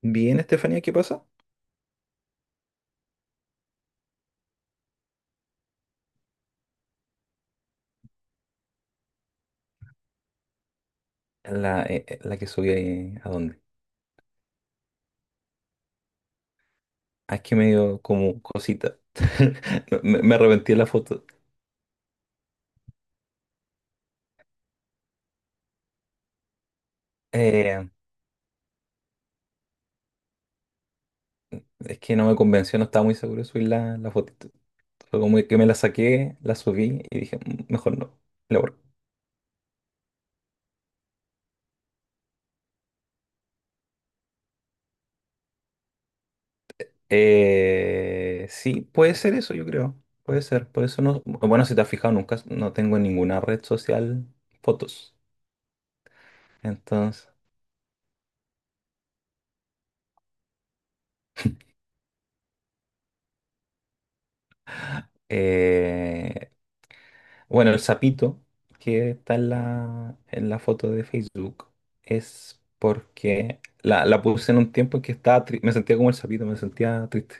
Bien, Estefanía, ¿qué pasa? La que subí ahí, ¿a dónde? Ah, es que me dio como cosita. Me arrepentí de la foto. Eh, es que no me convenció, no estaba muy seguro de subir la fotito. Fue como que me la saqué, la subí y dije, "Mm, mejor no, la borro". Sí, puede ser eso, yo creo. Puede ser. Por eso no. Bueno, si te has fijado, nunca no tengo en ninguna red social fotos. Entonces, eh, bueno, el sapito que está en la foto de Facebook es porque la puse en un tiempo en que estaba me sentía como el sapito, me sentía triste.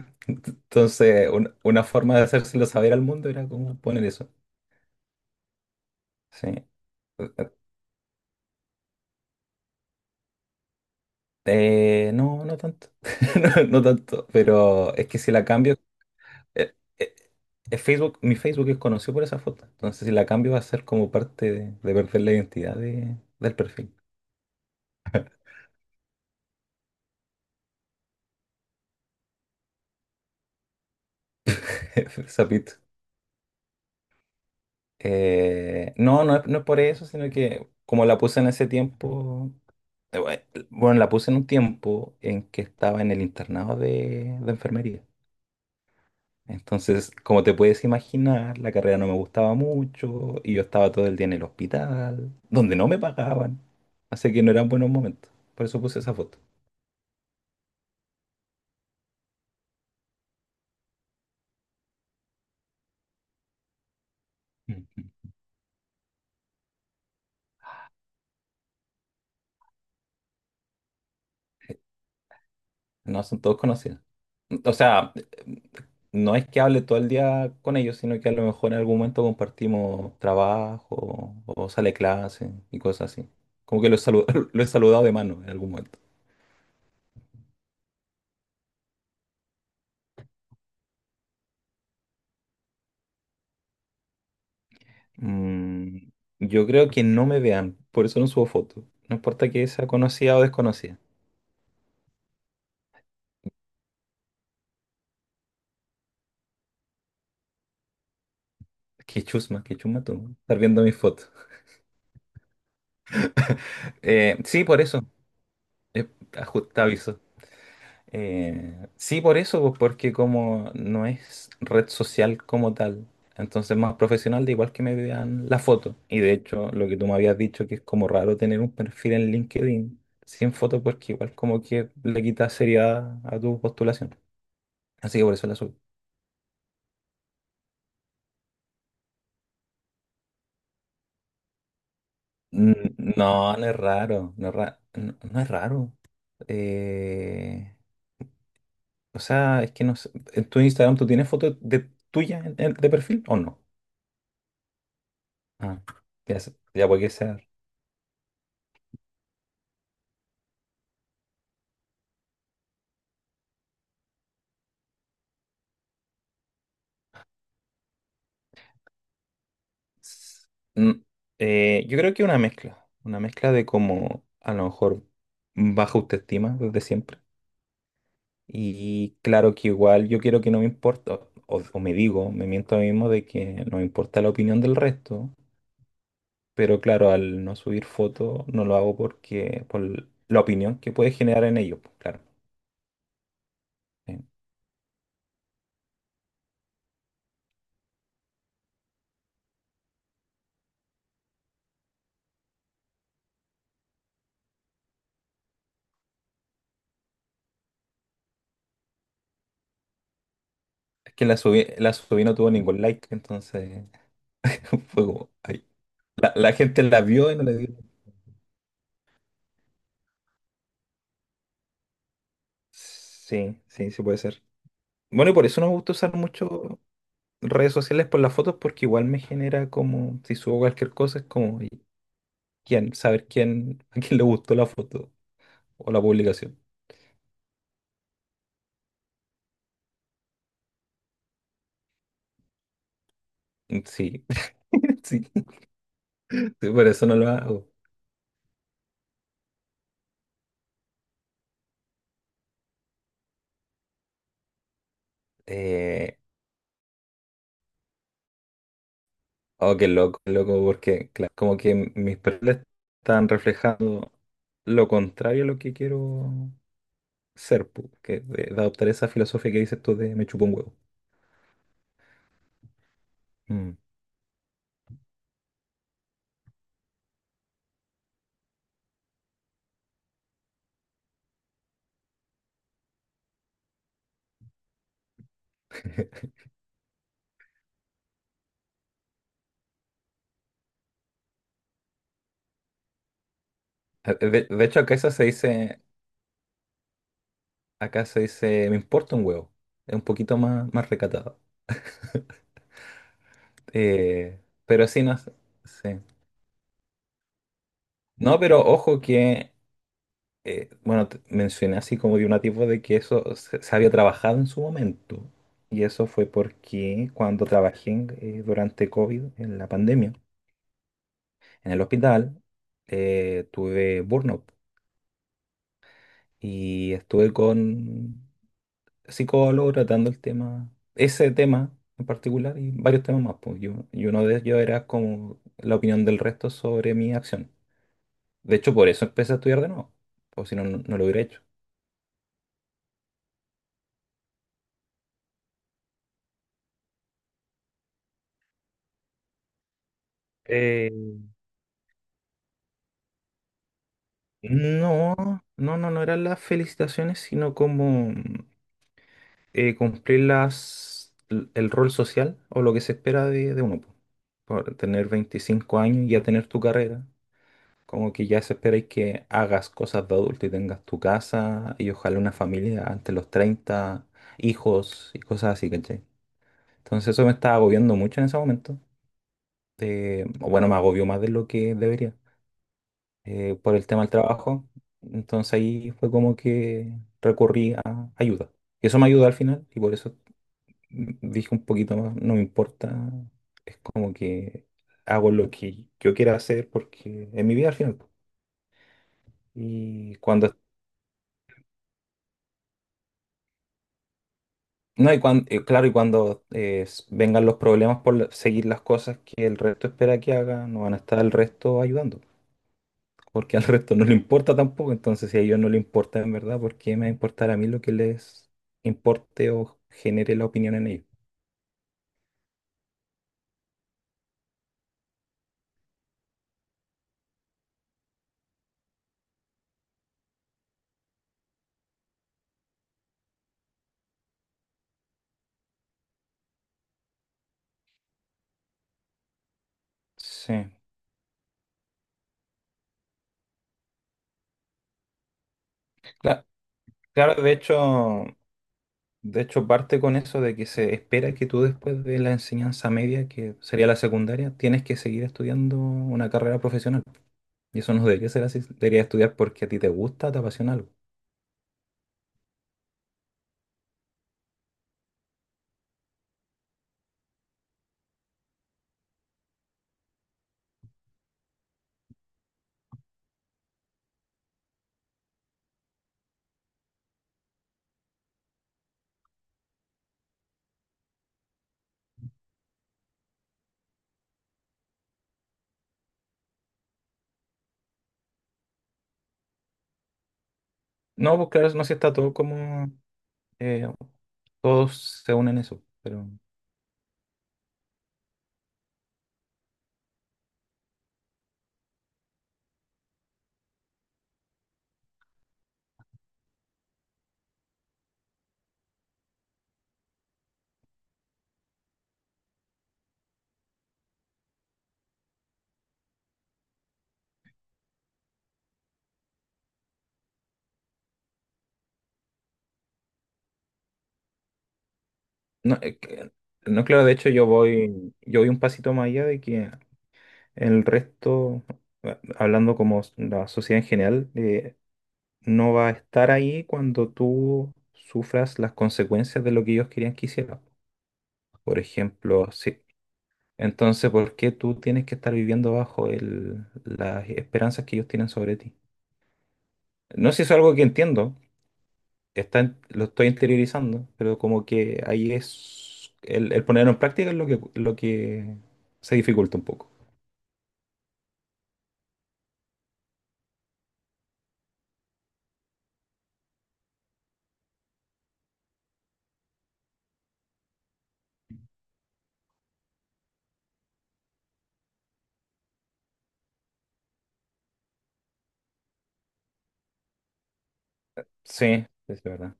Entonces, una forma de hacérselo saber al mundo era como poner eso. Sí. No, no tanto. No, no tanto. Pero es que si la cambio. eh, eh, Facebook, mi Facebook es conocido por esa foto. Entonces, si la cambio, va a ser como parte de perder la identidad del perfil. Sapito. No, no es, no es por eso, sino que como la puse en ese tiempo, bueno, la puse en un tiempo en que estaba en el internado de enfermería. Entonces, como te puedes imaginar, la carrera no me gustaba mucho y yo estaba todo el día en el hospital, donde no me pagaban. Así que no eran buenos momentos. Por eso puse esa foto. No, son todos conocidos. O sea, no es que hable todo el día con ellos, sino que a lo mejor en algún momento compartimos trabajo o sale clase y cosas así. Como que lo he saludado de mano en algún momento. Mm, yo creo que no me vean, por eso no subo fotos. No importa que sea conocida o desconocida. Qué chusma tú, estar viendo mis fotos. Sí, por eso. Eh, ajusta. Sí, por eso, pues, porque como no es red social como tal, entonces más profesional, de igual que me vean la foto. Y de hecho, lo que tú me habías dicho, que es como raro tener un perfil en LinkedIn sin foto, porque igual como que le quita seriedad a tu postulación. Así que por eso la subí. No, no es raro, no es raro. Eh, o sea, es que no sé, ¿en tu Instagram tú tienes fotos de tuya de perfil o no? Ah, ya, ya puede que sea. S- yo creo que una mezcla de como a lo mejor baja autoestima desde siempre. Y claro que igual yo quiero que no me importa, o me digo, me miento a mí mismo de que no me importa la opinión del resto, pero claro, al no subir fotos no lo hago porque por la opinión que puede generar en ellos, pues, claro. Eh, Es que la subí, no tuvo ningún like, entonces fue como, ay, la gente la vio y no le dio. Sí, sí, sí puede ser. Bueno, y por eso no me gusta usar mucho redes sociales por las fotos, porque igual me genera como, si subo cualquier cosa, es como, ¿y quién? Saber quién, a quién le gustó la foto o la publicación. Mm. Sí, sí, sí, por eso no lo hago. Eh, oh, qué loco, porque claro, como que mis perfiles están reflejando lo contrario a lo que quiero ser, pu, que de adoptar esa filosofía que dices tú de me chupo un huevo. Mm. De hecho, acá se dice, me importa un huevo. Es un poquito más, más recatado. Pero sí, no sé. Sí. No, pero ojo que, bueno, mencioné así como de una tipo de que eso se había trabajado en su momento. Y eso fue porque cuando trabajé durante COVID, en la pandemia, en el hospital, tuve burnout y estuve con psicólogo tratando el tema, ese tema en particular y varios temas más. Pues yo, y uno de ellos era como la opinión del resto sobre mi acción. De hecho, por eso empecé a estudiar de nuevo, pues si no, no lo hubiera hecho. Eh, No, no, no, no eran las felicitaciones, sino como cumplir el rol social o lo que se espera de uno, po. Por tener 25 años y ya tener tu carrera. Como que ya eso esperáis que hagas cosas de adulto y tengas tu casa y ojalá una familia antes de los 30 hijos y cosas así, ¿cachai? Entonces eso me estaba agobiando mucho en ese momento. O bueno, me agobió más de lo que debería por el tema del trabajo. Entonces ahí fue como que recurrí a ayuda. Y eso me ayudó al final y por eso dije un poquito más, no me importa. Es como que hago lo que yo quiera hacer porque es mi vida al final. Y cuando. No, y cuando, claro, y cuando, vengan los problemas seguir las cosas que el resto espera que haga, no van a estar al resto ayudando, porque al resto no le importa tampoco, entonces si a ellos no le importa en verdad, ¿por qué me va a importar a mí lo que les importe o genere la opinión en ellos? Sí, Cla- claro, de hecho parte con eso de que se espera que tú después de la enseñanza media, que sería la secundaria, tienes que seguir estudiando una carrera profesional. Y eso no debería ser así, debería estudiar porque a ti te gusta, te apasiona algo. No, pues claro, no sé, está todo como, eh, todos se unen en eso, pero. No, no, claro, de hecho yo voy, un pasito más allá de que el resto, hablando como la sociedad en general, no va a estar ahí cuando tú sufras las consecuencias de lo que ellos querían que hicieras. Por ejemplo, sí. Entonces, ¿por qué tú tienes que estar viviendo bajo las esperanzas que ellos tienen sobre ti? No sé si es algo que entiendo, lo estoy interiorizando, pero como que ahí es el ponerlo en práctica es lo que se dificulta un poco. Sí, sí, es verdad.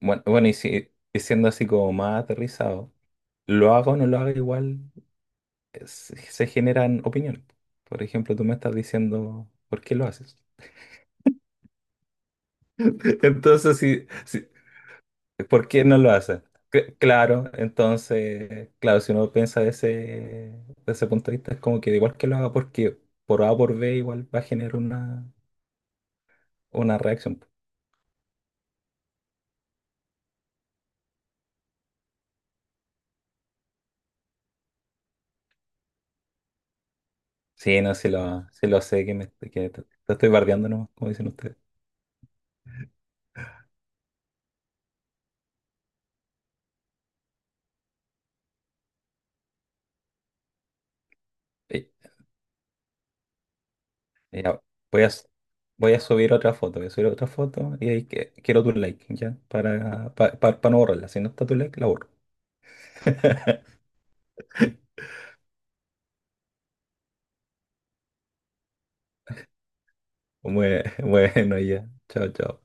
Bueno, bueno, y si y siendo así como más aterrizado, lo haga o no lo haga igual, se generan opiniones. Por ejemplo, tú me estás diciendo, ¿por qué lo haces? Entonces, si, si, ¿por qué no lo hacen? Claro, entonces, claro, si uno piensa de ese punto de vista, es como que da igual que lo haga porque por A o por B igual va a generar una reacción. Sí, no, sí lo sé, que te estoy bardeando nomás, como dicen ustedes. Y- y ya, voy a, s- voy a subir otra foto, voy a subir otra foto y ahí quiero tu like, ¿ya? Para no borrarla. Si no está tu like, la borro. Bueno, ya. Chao, chao.